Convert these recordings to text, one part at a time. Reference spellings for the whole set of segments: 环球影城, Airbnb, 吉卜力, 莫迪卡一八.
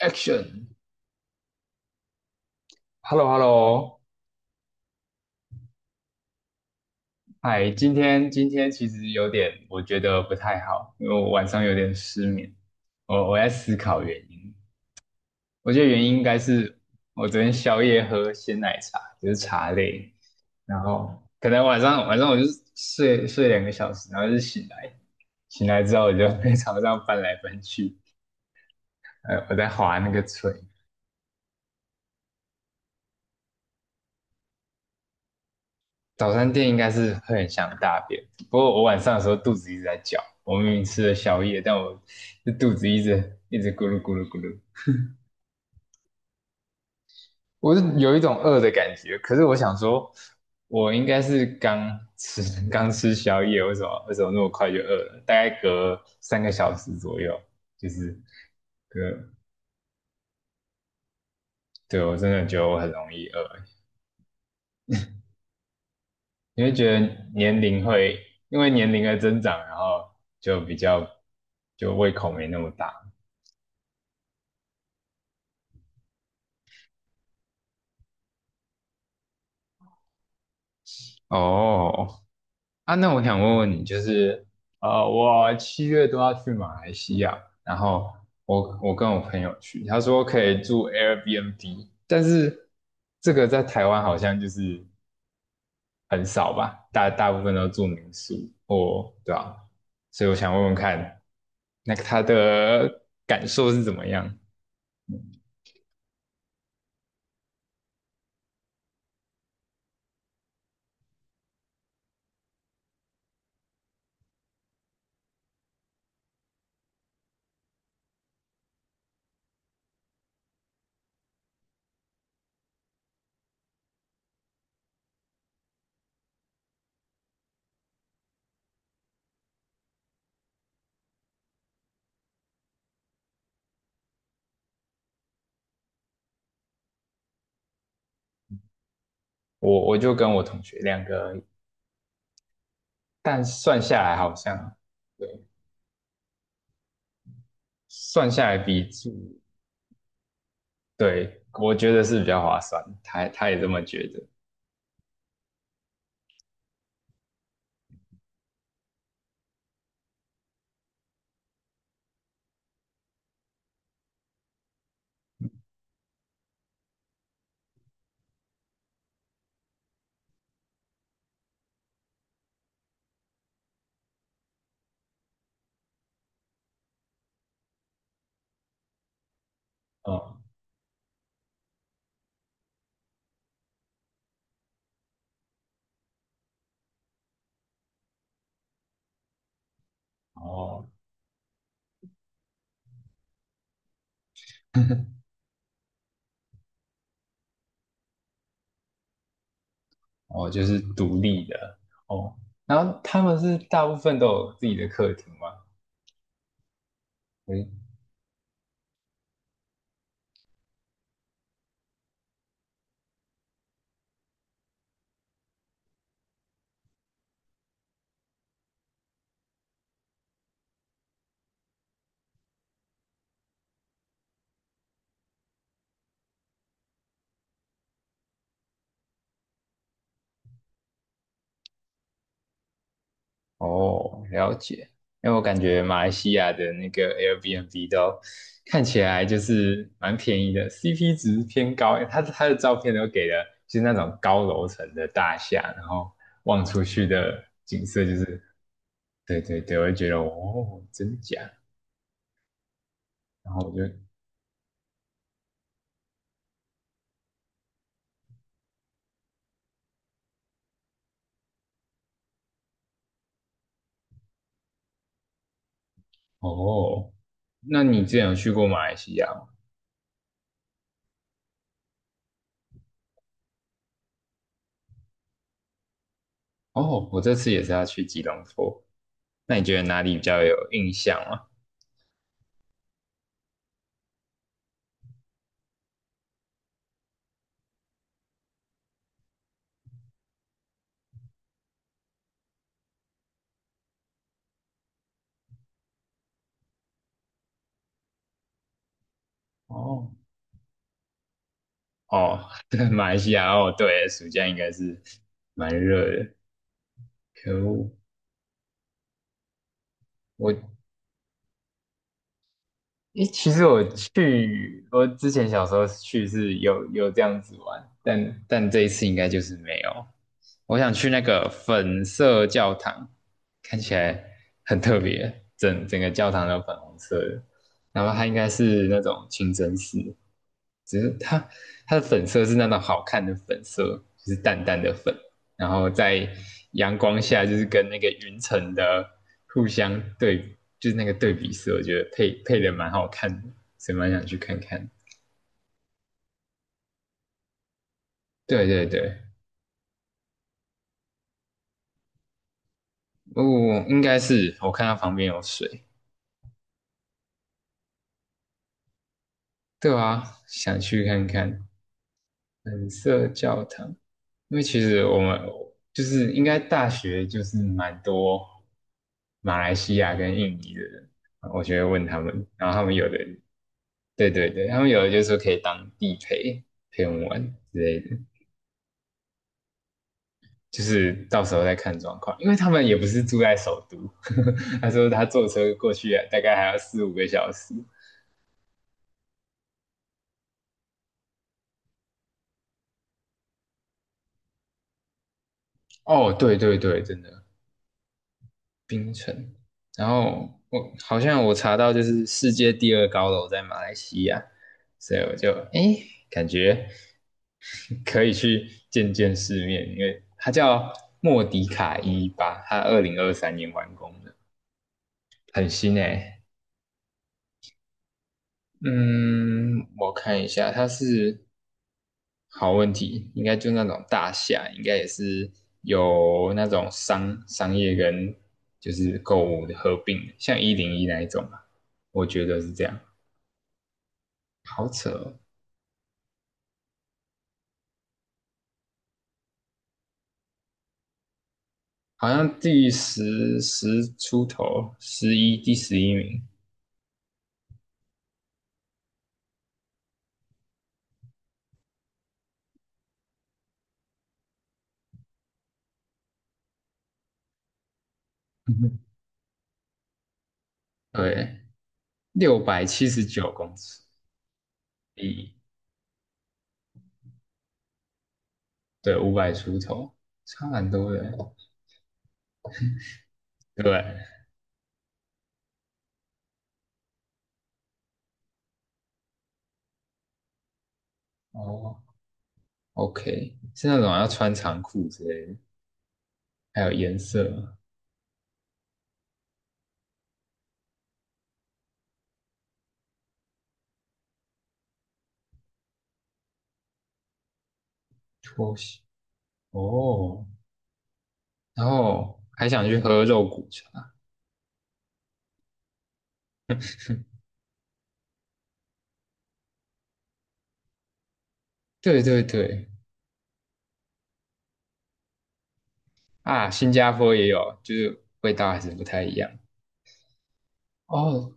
Action，Hello Hello。嗨，今天其实有点，我觉得不太好，因为我晚上有点失眠。我在思考原因，我觉得原因应该是我昨天宵夜喝鲜奶茶，就是茶类。然后可能晚上我就睡2个小时，然后就醒来。醒来之后我就在床上翻来翻去。我在划那个锤。早餐店应该是会很想大便，不过我晚上的时候肚子一直在叫。我明明吃了宵夜，但我这肚子一直一直咕噜咕噜咕噜。我是有一种饿的感觉。可是我想说，我应该是刚吃 刚吃宵夜，为什么那么快就饿了？大概隔3个小时左右。就是隔对，我真的觉得我很容易饿。你会觉得年龄会因为年龄的增长，然后就比较就胃口没那么大。哦，哦，啊，那我想问问你，就是我7月都要去马来西亚。然后我跟我朋友去，他说可以住 Airbnb,但是这个在台湾好像就是很少吧，大部分都住民宿。哦对啊，所以我想问问看，那个他的感受是怎么样？我就跟我同学两个而已，但算下来好像对，算下来比住对，我觉得是比较划算，他也这么觉得。嗯，哦，哦，就是独立的哦。然后他们是大部分都有自己的客厅吗？嗯，哦，了解。因为我感觉马来西亚的那个 Airbnb 都看起来就是蛮便宜的，CP 值偏高。他的照片都给了，就是那种高楼层的大厦，然后望出去的景色就是，对对对，我就觉得哦，真假。然后我就哦，那你之前有去过马来西亚吗？哦，我这次也是要去吉隆坡。那你觉得哪里比较有印象吗？哦哦，对，马来西亚哦，对，暑假应该是蛮热的。可恶，我诶，其实我去，我之前小时候去是有这样子玩，但这一次应该就是没有。我想去那个粉色教堂，看起来很特别，整个教堂都粉红色的。然后它应该是那种清真寺，只是它的粉色是那种好看的粉色，就是淡淡的粉，然后在阳光下就是跟那个云层的互相对比，就是那个对比色，我觉得配的蛮好看的，所以蛮想去看看。对对对，哦，应该是我看它旁边有水。对啊，想去看看粉色教堂。因为其实我们就是应该大学就是蛮多马来西亚跟印尼的人，我就会问他们，然后他们有的，对对对，他们有的就说可以当地陪陪我们玩之类的。就是到时候再看状况，因为他们也不是住在首都。他说他坐车过去大概还要4、5个小时。哦，对对对，真的，冰城。然后我好像我查到就是世界第二高楼在马来西亚，所以我就诶感觉可以去见见世面，因为它叫莫迪卡一八，它2023年完工的，很新诶。嗯，我看一下，它是好问题，应该就那种大厦，应该也是有那种商业跟就是购物的合并，像101那一种吧，我觉得是这样。好扯哦，好像第十10出头，十一第11名，对，679公尺，第对，500出头，差蛮多的欸，对，哦，OK,是那种要穿长裤之类的，还有颜色拖鞋哦。然后还想去喝肉骨茶，对对对。啊，新加坡也有，就是味道还是不太一样。哦，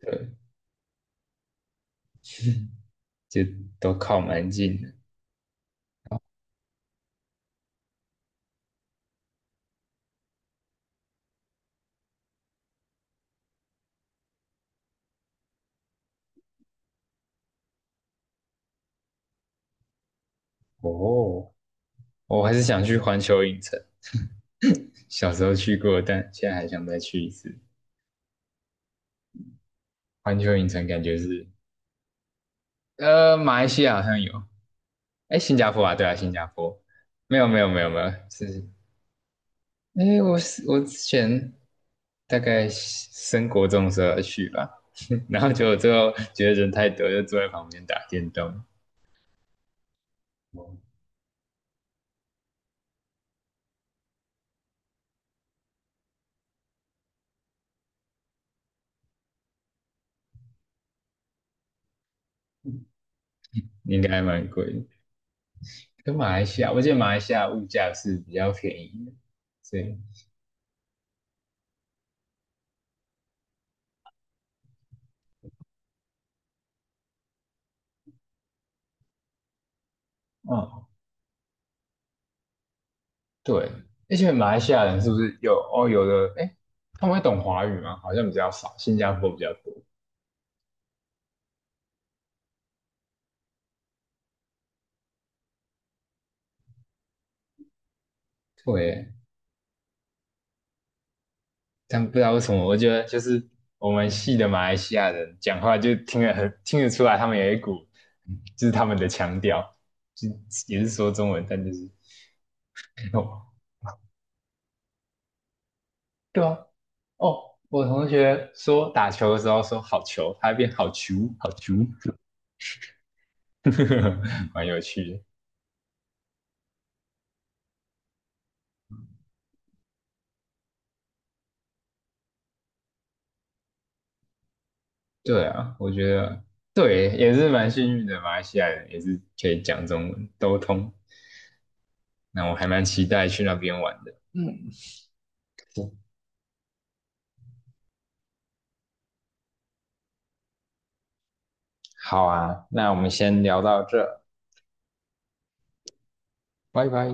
对，就都靠蛮近的。哦，哦，我还是想去环球影城，小时候去过，但现在还想再去一次。环球影城感觉是，呃，马来西亚好像有，哎，新加坡啊，对啊，新加坡，没有没有没有没有，是，哎，我是我之前大概升国中的时候要去吧，然后结果最后觉得人太多，就坐在旁边打电动。哦应该还蛮贵的。跟马来西亚，我记得马来西亚物价是比较便宜的，所以，嗯，对。而且马来西亚人是不是有哦？有的，哎，他们会懂华语吗？好像比较少，新加坡比较多。对，但不知道为什么，我觉得就是我们系的马来西亚人讲话就听得很听得出来，他们有一股就是他们的腔调，就也是说中文，但就是哦，对啊。哦，我同学说打球的时候说好球，他会变好球好球，蛮有趣的。对啊，我觉得对，也是蛮幸运的。马来西亚人也是可以讲中文，都通。那我还蛮期待去那边玩的。嗯。好啊，那我们先聊到这，拜拜。